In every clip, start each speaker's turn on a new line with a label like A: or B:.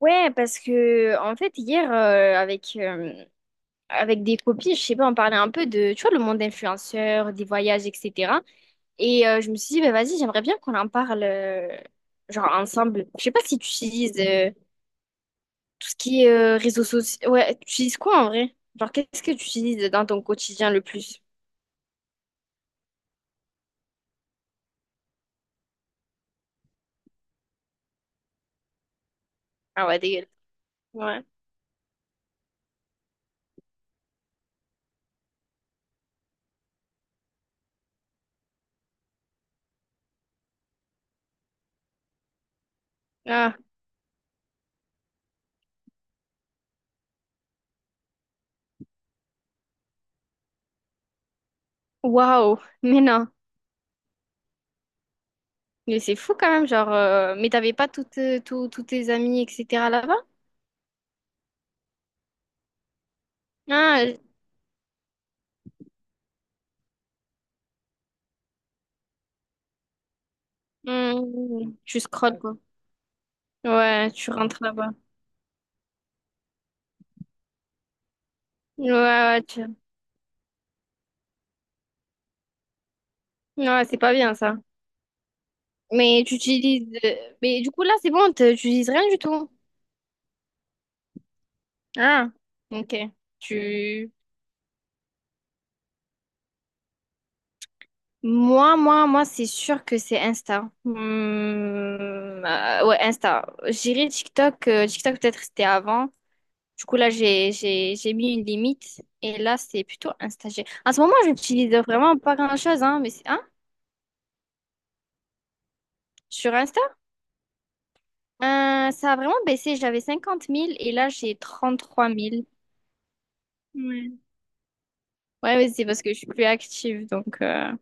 A: Ouais, parce que en fait hier avec avec des copines, je sais pas, on parlait un peu de tu vois le monde influenceur, des voyages, etc. Et je me suis dit bah vas-y, j'aimerais bien qu'on en parle genre ensemble. Je sais pas si tu utilises tout ce qui est réseaux sociaux. Ouais, tu utilises quoi en vrai? Genre qu'est-ce que tu utilises dans ton quotidien le plus? Ah ouais, dégueulasse. Ouais. Ah, waouh. Mais non. Mais c'est fou quand même, genre mais t'avais pas toutes tous tes amis etc. là-bas? Ah. Hmm, tu scrolles, quoi. Ouais, tu rentres là-bas. Ouais, ouais, tu- ouais, c'est pas bien, ça. Mais du coup, là, c'est bon, tu utilises rien du tout. Ah, ok. Tu... Moi, moi, c'est sûr que c'est Insta. Mmh, ouais, Insta. J'irai TikTok. TikTok, peut-être, c'était avant. Du coup, là, j'ai mis une limite. Et là, c'est plutôt Insta. En ce moment, j'utilise vraiment pas grand-chose, hein, mais c'est... Hein? Sur Insta? Ça a vraiment baissé. J'avais 50 000 et là, j'ai 33 000. Ouais. Ouais, mais c'est parce que je suis plus active. Donc, euh,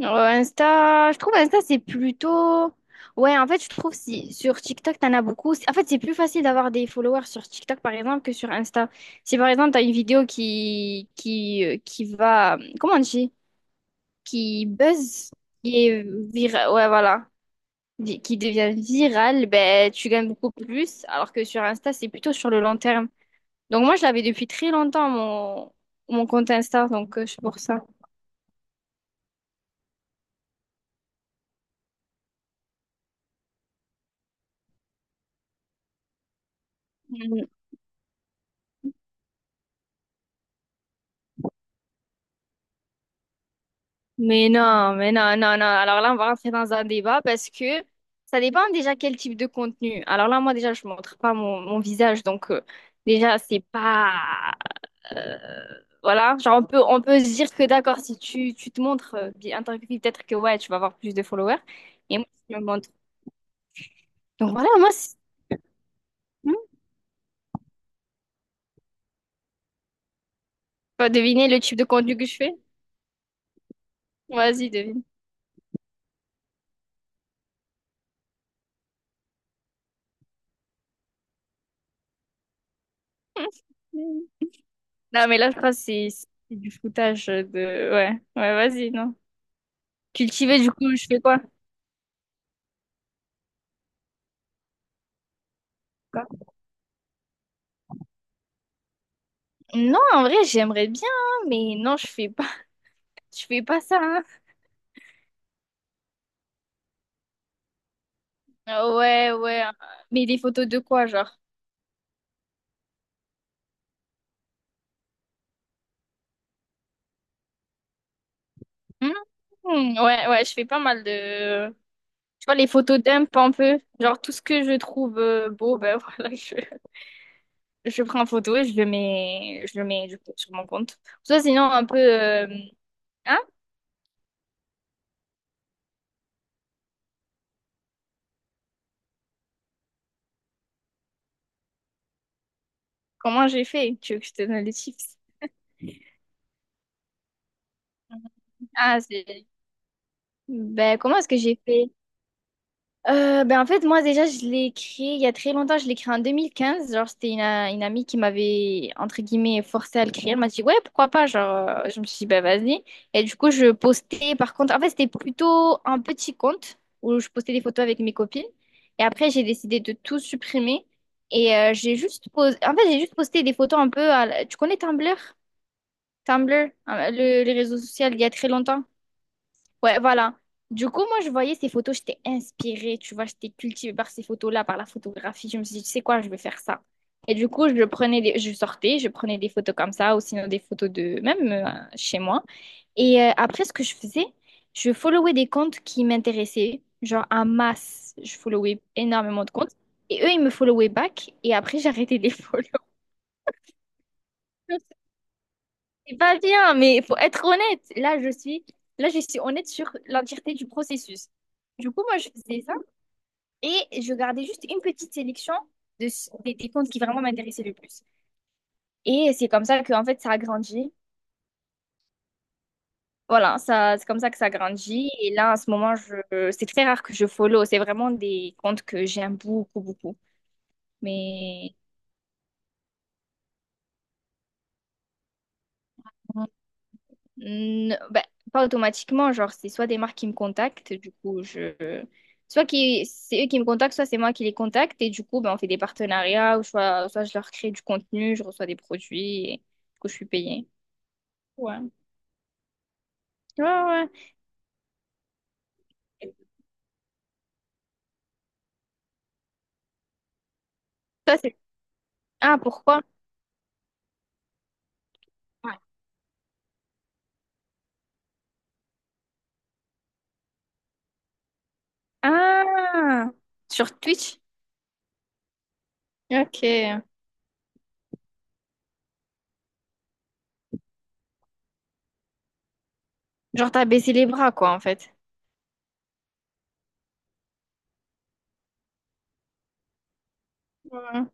A: euh, Insta, je trouve Insta, c'est plutôt. Ouais, en fait, je trouve si sur TikTok, t'en as beaucoup. En fait, c'est plus facile d'avoir des followers sur TikTok, par exemple, que sur Insta. Si, par exemple, t'as une vidéo qui va. Comment on dit? Qui buzz, qui est virale. Ouais, voilà. Qui devient virale, ben, tu gagnes beaucoup plus. Alors que sur Insta, c'est plutôt sur le long terme. Donc moi, je l'avais depuis très longtemps, mon compte Insta, donc c'est pour ça. Mm. Mais non, mais non, non. Alors là, on va rentrer dans un débat parce que ça dépend déjà quel type de contenu. Alors là, moi, déjà, je montre pas mon visage, donc déjà, c'est pas... euh, voilà, genre on peut se dire que d'accord, si tu, tu te montres en tant que fille, peut-être que ouais, tu vas avoir plus de followers. Et moi, je me montre. Donc voilà, Hmm. Tu vas deviner le type de contenu que je fais? Vas-y, devine. Non, mais la phrase, c'est du foutage de... Ouais, ouais, vas-y, non. Cultiver, du coup, je fais quoi? Quoi. Non, en vrai, j'aimerais bien, hein, mais non, je fais pas, je fais pas ça, hein. Euh, Ouais, ouais. euh, Mais des photos de quoi, genre? Hmm, ouais, ouais, je fais pas mal de... Tu vois, les photos dump un peu. Genre, tout ce que je trouve beau, ben voilà, je prends en photo et je le mets du coup, sur mon compte. Soit sinon, un peu... Hein? Comment j'ai fait? Tu veux que je te donne les chiffres? Ah, c'est... Ben, comment est-ce que j'ai fait? Ben, en fait, moi, déjà, je l'ai créé il y a très longtemps. Je l'ai créé en deux mille quinze. Genre, une amie qui m'avait, entre guillemets, forcé à le créer. Elle m'a dit, ouais, pourquoi pas? Genre, je me suis dit, ben, vas-y. Et du coup, je postais, par contre, en fait, c'était plutôt un petit compte où je postais des photos avec mes copines. Et après, j'ai décidé de tout supprimer. Et j'ai juste posé, en fait, j'ai juste posté des photos un peu à Tu connais Tumblr? Tumblr, le, les réseaux sociaux, il y a très longtemps. Ouais, voilà. Du coup, moi, je voyais ces photos, j'étais inspirée, tu vois, j'étais cultivée par ces photos-là, par la photographie. Je me suis dit, tu sais quoi, je vais faire ça. Et du coup, je prenais des... je sortais, je prenais des photos comme ça, ou sinon des photos de même chez moi. Et après, ce que je faisais, je followais des comptes qui m'intéressaient, genre en masse. Je followais énormément de comptes. Et eux, ils me followaient back, et après, j'arrêtais de les follow. C'est pas bien, mais il faut être honnête. Là, je suis honnête sur l'entièreté du processus. Du coup, moi, je faisais ça et je gardais juste une petite sélection des comptes qui vraiment m'intéressaient le plus. Et c'est comme ça que, en fait, ça a grandi. Voilà, ça, c'est comme ça que ça a grandi. Et là, en ce moment, c'est très rare que je follow. C'est vraiment des comptes que j'aime beaucoup, beaucoup. Mais non, bah, pas automatiquement, genre c'est soit des marques qui me contactent, du coup je soit qui c'est eux qui me contactent, soit c'est moi qui les contacte et du coup ben on fait des partenariats ou soit je leur crée du contenu, je reçois des produits et du coup je suis payée. Ouais. Ouais, ouais. Ça c'est. Ah, pourquoi? Ouais. Ah! Sur Twitch? Ok. Genre t'as baissé les bras quoi en fait. Ouais.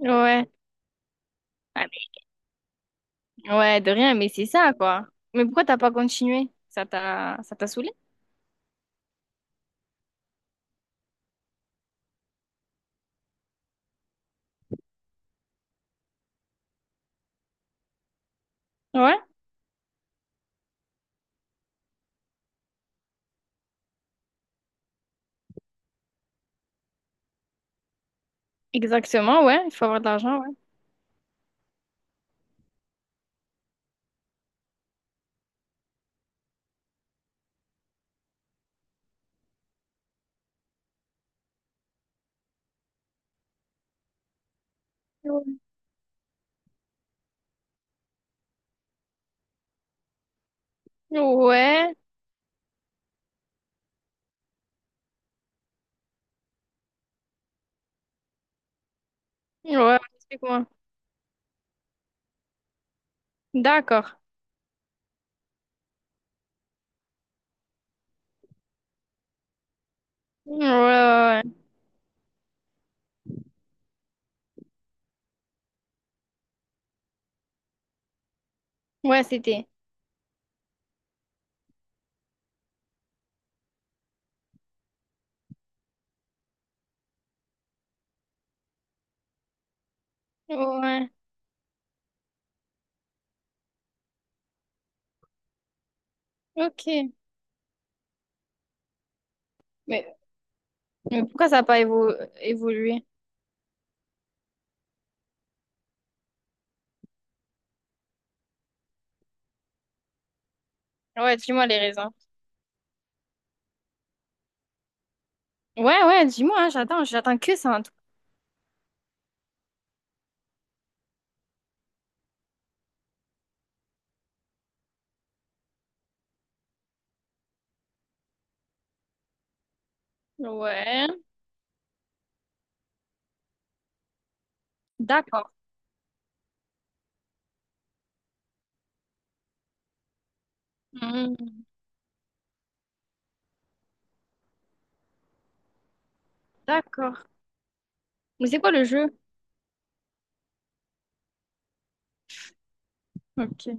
A: Ouais. Ah, mais- Ouais, de rien, mais c'est ça quoi. Mais pourquoi t'as pas continué? Ça t'a saoulé? Exactement, ouais, il faut avoir de l'argent, ouais. Ouais, ouais, ouais, explique-moi. D'accord. Ouais, ouais, ouais. Ouais, c'était. Ouais, ok. Mais, mais pourquoi ça n'a pas évolué? Ouais, dis-moi les raisons. Ouais, ouais, dis-moi, hein, j'attends que ça en tout cas. Ouais, d'accord. Hmm, d'accord. Mais c'est quoi le jeu? Ok.